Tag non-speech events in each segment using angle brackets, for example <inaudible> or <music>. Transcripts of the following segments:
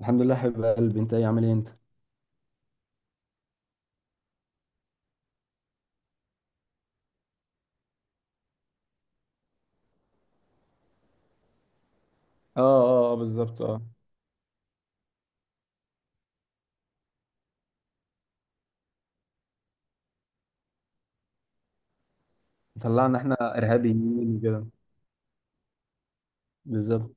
الحمد لله حبيب قلبي، انت ايه؟ عامل ايه انت؟ اه اه اه بالظبط اه. طلعنا احنا ارهابيين وكده. بالظبط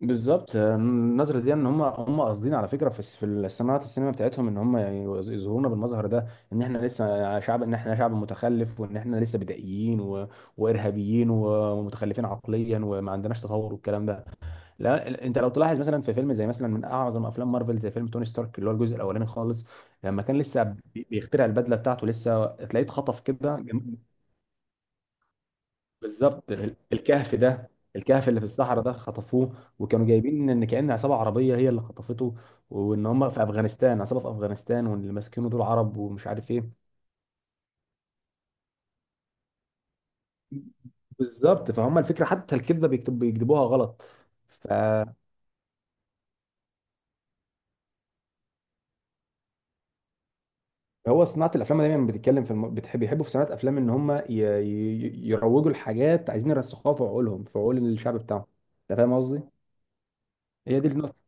بالظبط، النظرة دي ان هم قاصدين على فكرة، في الصناعات السينما بتاعتهم، ان هم يظهرونا بالمظهر ده، ان احنا شعب متخلف، وان احنا لسه بدائيين وارهابيين ومتخلفين عقليا وما عندناش تطور والكلام ده. لا، انت لو تلاحظ مثلا في فيلم، زي مثلا من اعظم افلام مارفل، زي فيلم توني ستارك اللي هو الجزء الاولاني خالص، لما كان لسه بيخترع البدله بتاعته، لسه تلاقيه اتخطف كده بالظبط، الكهف ده، الكهف اللي في الصحراء ده خطفوه، وكانوا جايبين ان كأن عصابه عربيه هي اللي خطفته، وان هم في افغانستان، عصابه في افغانستان، وان اللي ماسكينه دول عرب ومش عارف ايه. بالظبط، فهم الفكره، حتى الكذبه بيكتبوها غلط. ف هو صناعة الأفلام دايما بتتكلم في بتحب يحبوا في صناعة أفلام إن هم يروجوا لحاجات عايزين يرسخوها في عقولهم، في عقول الشعب بتاعهم. أنت فاهم قصدي؟ هي دي النقطة.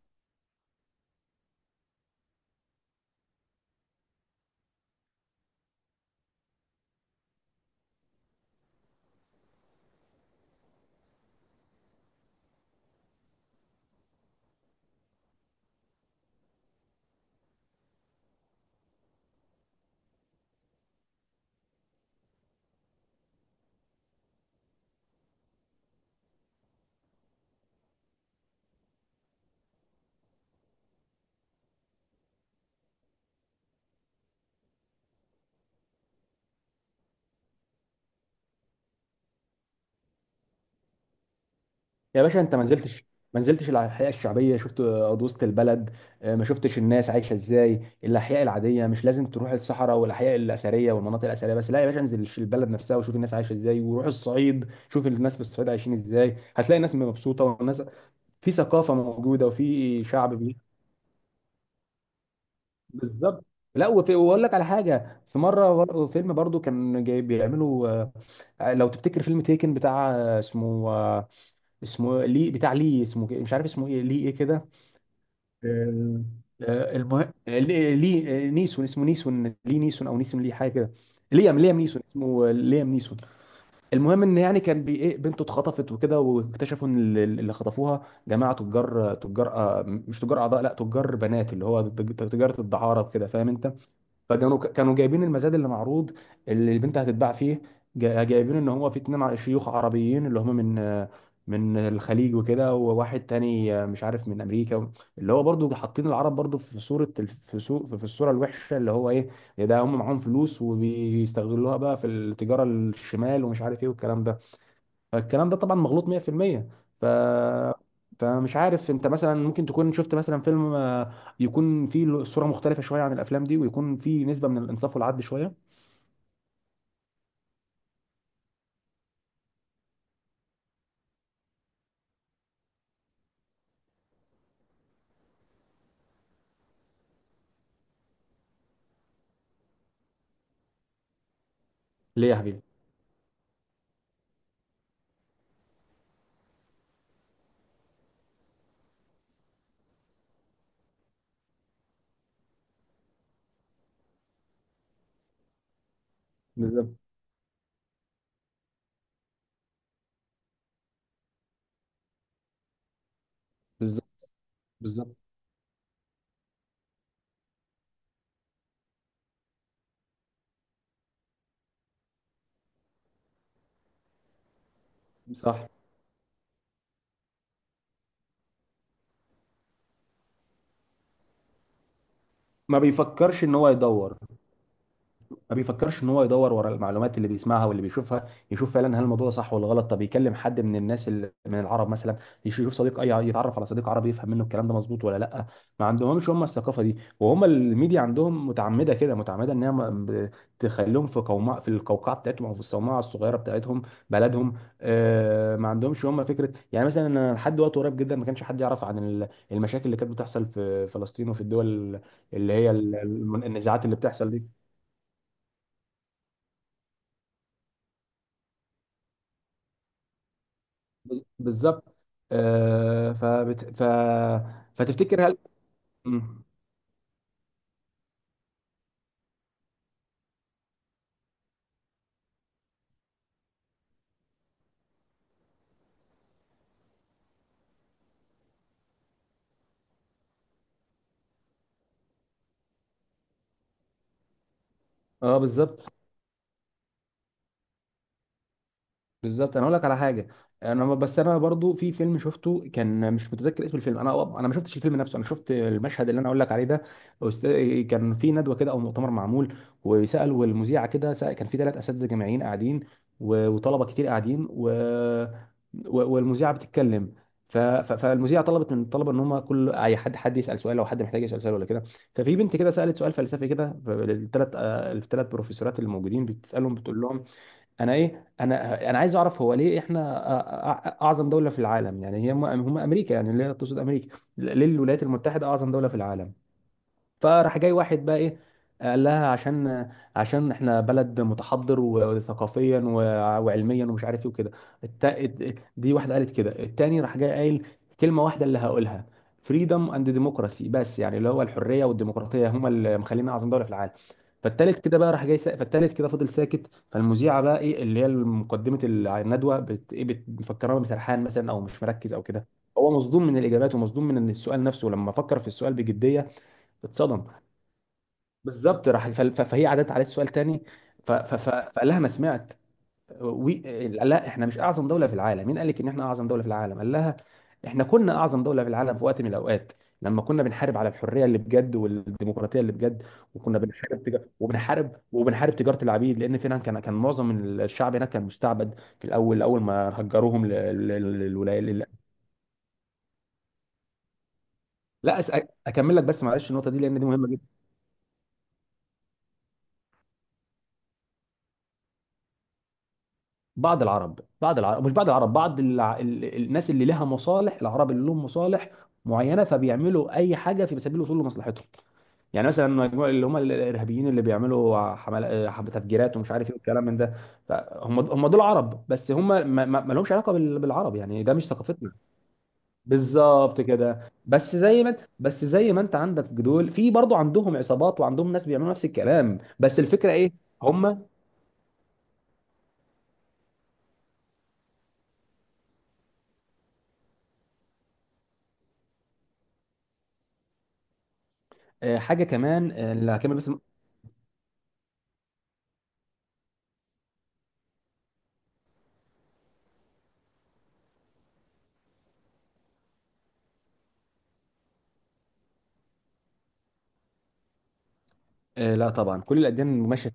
يا باشا، أنت ما نزلتش، الأحياء الشعبية، شفت أرض وسط البلد؟ ما شفتش الناس عايشة إزاي، الأحياء العادية؟ مش لازم تروح الصحراء والأحياء الأثرية والمناطق الأثرية بس، لا يا باشا، انزل البلد نفسها وشوف الناس عايشة إزاي، وروح الصعيد، شوف الناس في الصعيد عايشين إزاي، هتلاقي الناس مبسوطة، والناس في ثقافة موجودة وفي شعب. بالظبط. لا وفي، واقول لك على حاجه، في مره فيلم برضو كان جاي بيعملوا، لو تفتكر فيلم تيكن بتاع، اسمه، اسمه لي، بتاع لي، اسمه كده- مش عارف اسمه ايه، لي ايه كده. ال- المهم، نيسون، اسمه نيسون لي، نيسون او نيسون لي حاجه كده. ليام نيسون اسمه، ليام نيسون. المهم ان يعني كان بي ايه، بنته اتخطفت وكده، واكتشفوا ان اللي خطفوها جماعه تجار، مش تجار اعضاء، لا، تجار بنات، اللي هو تجاره الدعاره وكده، فاهم انت؟ فكانوا جايبين المزاد اللي معروض، اللي البنت هتتباع فيه، جايبين ان هو في اتنين شيوخ عربيين، اللي هم من الخليج وكده، وواحد تاني مش عارف من امريكا، اللي هو برضو حاطين العرب برضو في صورة في الصورة الوحشة، اللي هو ايه، يا ده هم معاهم فلوس وبيستغلوها بقى في التجارة الشمال ومش عارف ايه والكلام ده. فالكلام ده طبعا مغلوط 100%. ف فمش عارف، انت مثلا ممكن تكون شفت مثلا فيلم يكون فيه الصوره مختلفه شويه عن الافلام دي، ويكون فيه نسبه من الانصاف والعدل شويه. ليه يا حبيبي؟ بالظبط بالظبط بالظبط. صح. ما بيفكرش ان هو يدور، ما بيفكرش ان هو يدور ورا المعلومات اللي بيسمعها واللي بيشوفها، يشوف فعلا هل الموضوع ده صح ولا غلط، طب يكلم حد من الناس من العرب مثلا، يشوف صديق، اي يتعرف على صديق عربي يفهم منه الكلام ده مظبوط ولا لا. ما عندهمش هم الثقافه دي، وهم الميديا عندهم متعمده كده، متعمده انها تخليهم في قوماء، في القوقعه بتاعتهم، او في الصومعه الصغيره بتاعتهم، بلدهم. ما عندهمش هم فكره، يعني مثلا أنا لحد وقت قريب جدا ما كانش حد يعرف عن المشاكل اللي كانت بتحصل في فلسطين وفي الدول اللي هي النزاعات اللي بتحصل دي. بالظبط. آه فبت... ف... فتفتكر هل. مم. اه بالظبط بالظبط. انا اقول لك على حاجه. انا ما- بس انا برضو في فيلم شفته، كان مش متذكر اسم الفيلم، انا ما شفتش الفيلم نفسه، انا شفت المشهد اللي انا اقول لك عليه ده. كان في ندوه كده او مؤتمر معمول، وسالوا المذيعه كده، كان في ثلاث اساتذه جامعيين قاعدين، وطلبه كتير قاعدين، والمذيعه بتتكلم. فالمذيعه طلبت من الطلبه ان هم كل اي حد، يسال سؤال، لو حد محتاج يسال سؤال ولا كده. ففي بنت كده سالت سؤال فلسفي كده، الثلاث، بروفيسورات اللي موجودين بتسالهم بتقول لهم: انا ايه، انا، عايز اعرف، هو ليه احنا اعظم دوله في العالم يعني؟ هي هم، امريكا يعني، اللي هي تقصد امريكا، ليه الولايات المتحده اعظم دوله في العالم. فراح جاي واحد بقى ايه، قال لها عشان، احنا بلد متحضر وثقافيا وعلميا ومش عارف ايه وكده. دي واحده قالت كده. التاني راح جاي قايل كلمه واحده اللي هقولها: فريدم اند ديموكراسي بس، يعني اللي هو الحريه والديمقراطيه، هما اللي مخلينا اعظم دوله في العالم. فالتالت كده بقى راح جاي سا... فالتالت كده فضل ساكت. فالمذيعه بقى ايه، اللي هي مقدمه الندوه، مفكراه سرحان مثلا او مش مركز او كده، هو مصدوم من الاجابات ومصدوم من السؤال نفسه. لما فكر في السؤال بجديه، اتصدم. بالظبط، راح فهي عادت عليه السؤال تاني، فقال لها: ما سمعت، وي... لا احنا مش اعظم دوله في العالم، مين قال لك ان احنا اعظم دوله في العالم؟ قال لها: احنا كنا اعظم دوله في العالم في وقت من الاوقات، لما كنا بنحارب على الحريه اللي بجد والديمقراطيه اللي بجد، وكنا بنحارب تجار... وبنحارب وبنحارب تجاره العبيد، لان فعلا كان معظم الشعب هناك كان مستعبد، في الاول، اول ما هجروهم ل- للولايات. لا أس... اكمل لك بس معلش النقطه دي لان دي مهمه. بعض العرب، بعض العرب مش بعض العرب بعض الع... ال... ال- الناس اللي لها مصالح، العرب اللي لهم مصالح معينه، فبيعملوا اي حاجه في سبيل الوصول لمصلحتهم. يعني مثلا مجموعة اللي هم الارهابيين اللي بيعملوا تفجيرات ومش عارف ايه والكلام من ده. فهم هم دول عرب، بس هم ما لهمش علاقه بالعرب، يعني ده مش ثقافتنا. بالظبط كده، بس زي ما انت- بس زي ما انت عندك دول في، برضه عندهم عصابات وعندهم ناس بيعملوا نفس الكلام، بس الفكره ايه، هم. حاجه كمان، اللي هكمل بس. لا طبعا كل الاديان ماشيه،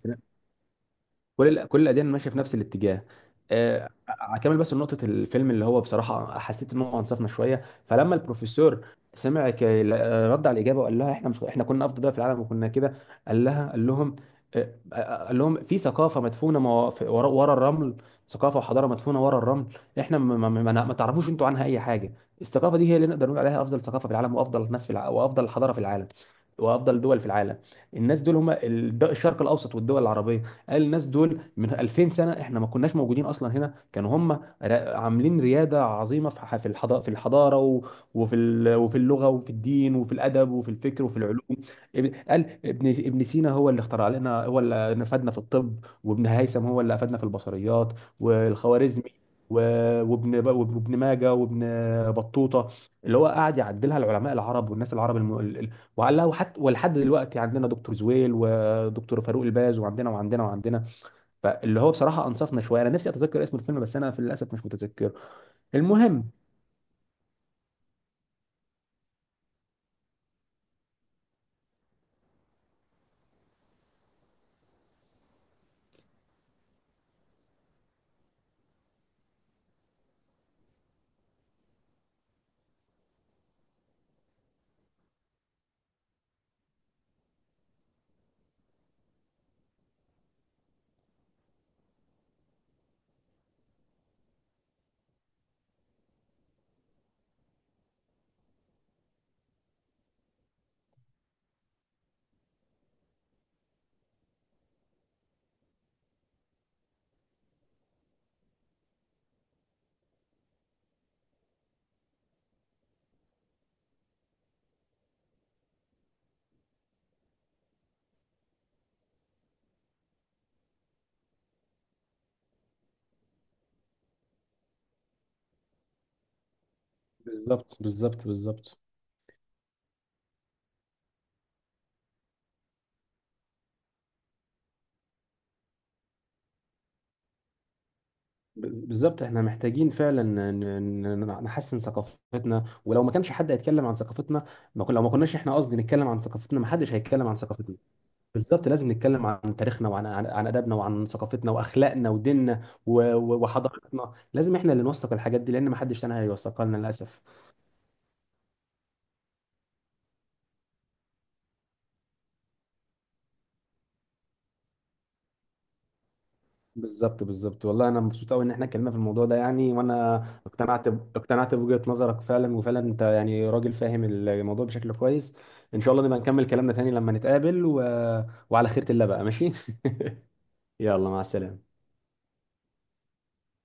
كل الاديان ماشيه في نفس الاتجاه. اكمل بس نقطه الفيلم اللي هو بصراحه حسيت ان هو انصفنا شويه. فلما البروفيسور سمع، رد على الاجابه وقال لها احنا مش احنا كنا افضل دوله في العالم وكنا كده، قال لها قال لهم قال لهم في ثقافه مدفونه، ورا، الرمل، ثقافه وحضاره مدفونه ورا الرمل، احنا ما، ما تعرفوش انتوا عنها اي حاجه. الثقافه دي هي اللي نقدر نقول عليها افضل ثقافه في العالم، وافضل ناس في وافضل حضاره في العالم، وافضل دول في العالم. الناس دول هم الشرق الاوسط والدول العربيه. قال الناس دول من 2000 سنه، احنا ما كناش موجودين اصلا هنا، كانوا هم عاملين رياده عظيمه في في الحضاره، وفي وفي اللغه وفي الدين وفي الادب وفي الفكر وفي العلوم. قال ابن، سينا هو اللي اخترع لنا، هو اللي نفدنا في الطب، وابن هيثم هو اللي افادنا في البصريات، والخوارزمي، وابن ماجه وابن بطوطه، اللي هو قاعد يعدلها، العلماء العرب والناس العرب وعلها، وحتى ولحد دلوقتي عندنا دكتور زويل دكتور فاروق الباز، وعندنا فاللي هو بصراحه انصفنا شويه، انا نفسي اتذكر اسم الفيلم، بس انا في للاسف مش متذكره. المهم، بالظبط بالظبط بالظبط بالظبط. احنا محتاجين فعلا نحسن ثقافتنا، ولو ما كانش حد هيتكلم عن ثقافتنا، ما كنا لو ما كناش احنا قصدي نتكلم عن ثقافتنا، ما حدش هيتكلم عن ثقافتنا. بالظبط، لازم نتكلم عن تاريخنا، وعن عن, عن ادبنا وعن ثقافتنا واخلاقنا وديننا وحضارتنا، لازم احنا اللي نوثق الحاجات دي، لان ما حدش تاني هيوثقها لنا للاسف. بالظبط بالظبط، والله انا مبسوط قوي ان احنا اتكلمنا في الموضوع ده يعني، وانا اقتنعت بوجهة نظرك فعلا، وفعلا انت يعني راجل فاهم الموضوع بشكل كويس. ان شاء الله نبقى نكمل كلامنا تاني لما نتقابل، وعلى خيرة الله بقى ماشي <laughs> يلا مع السلامة.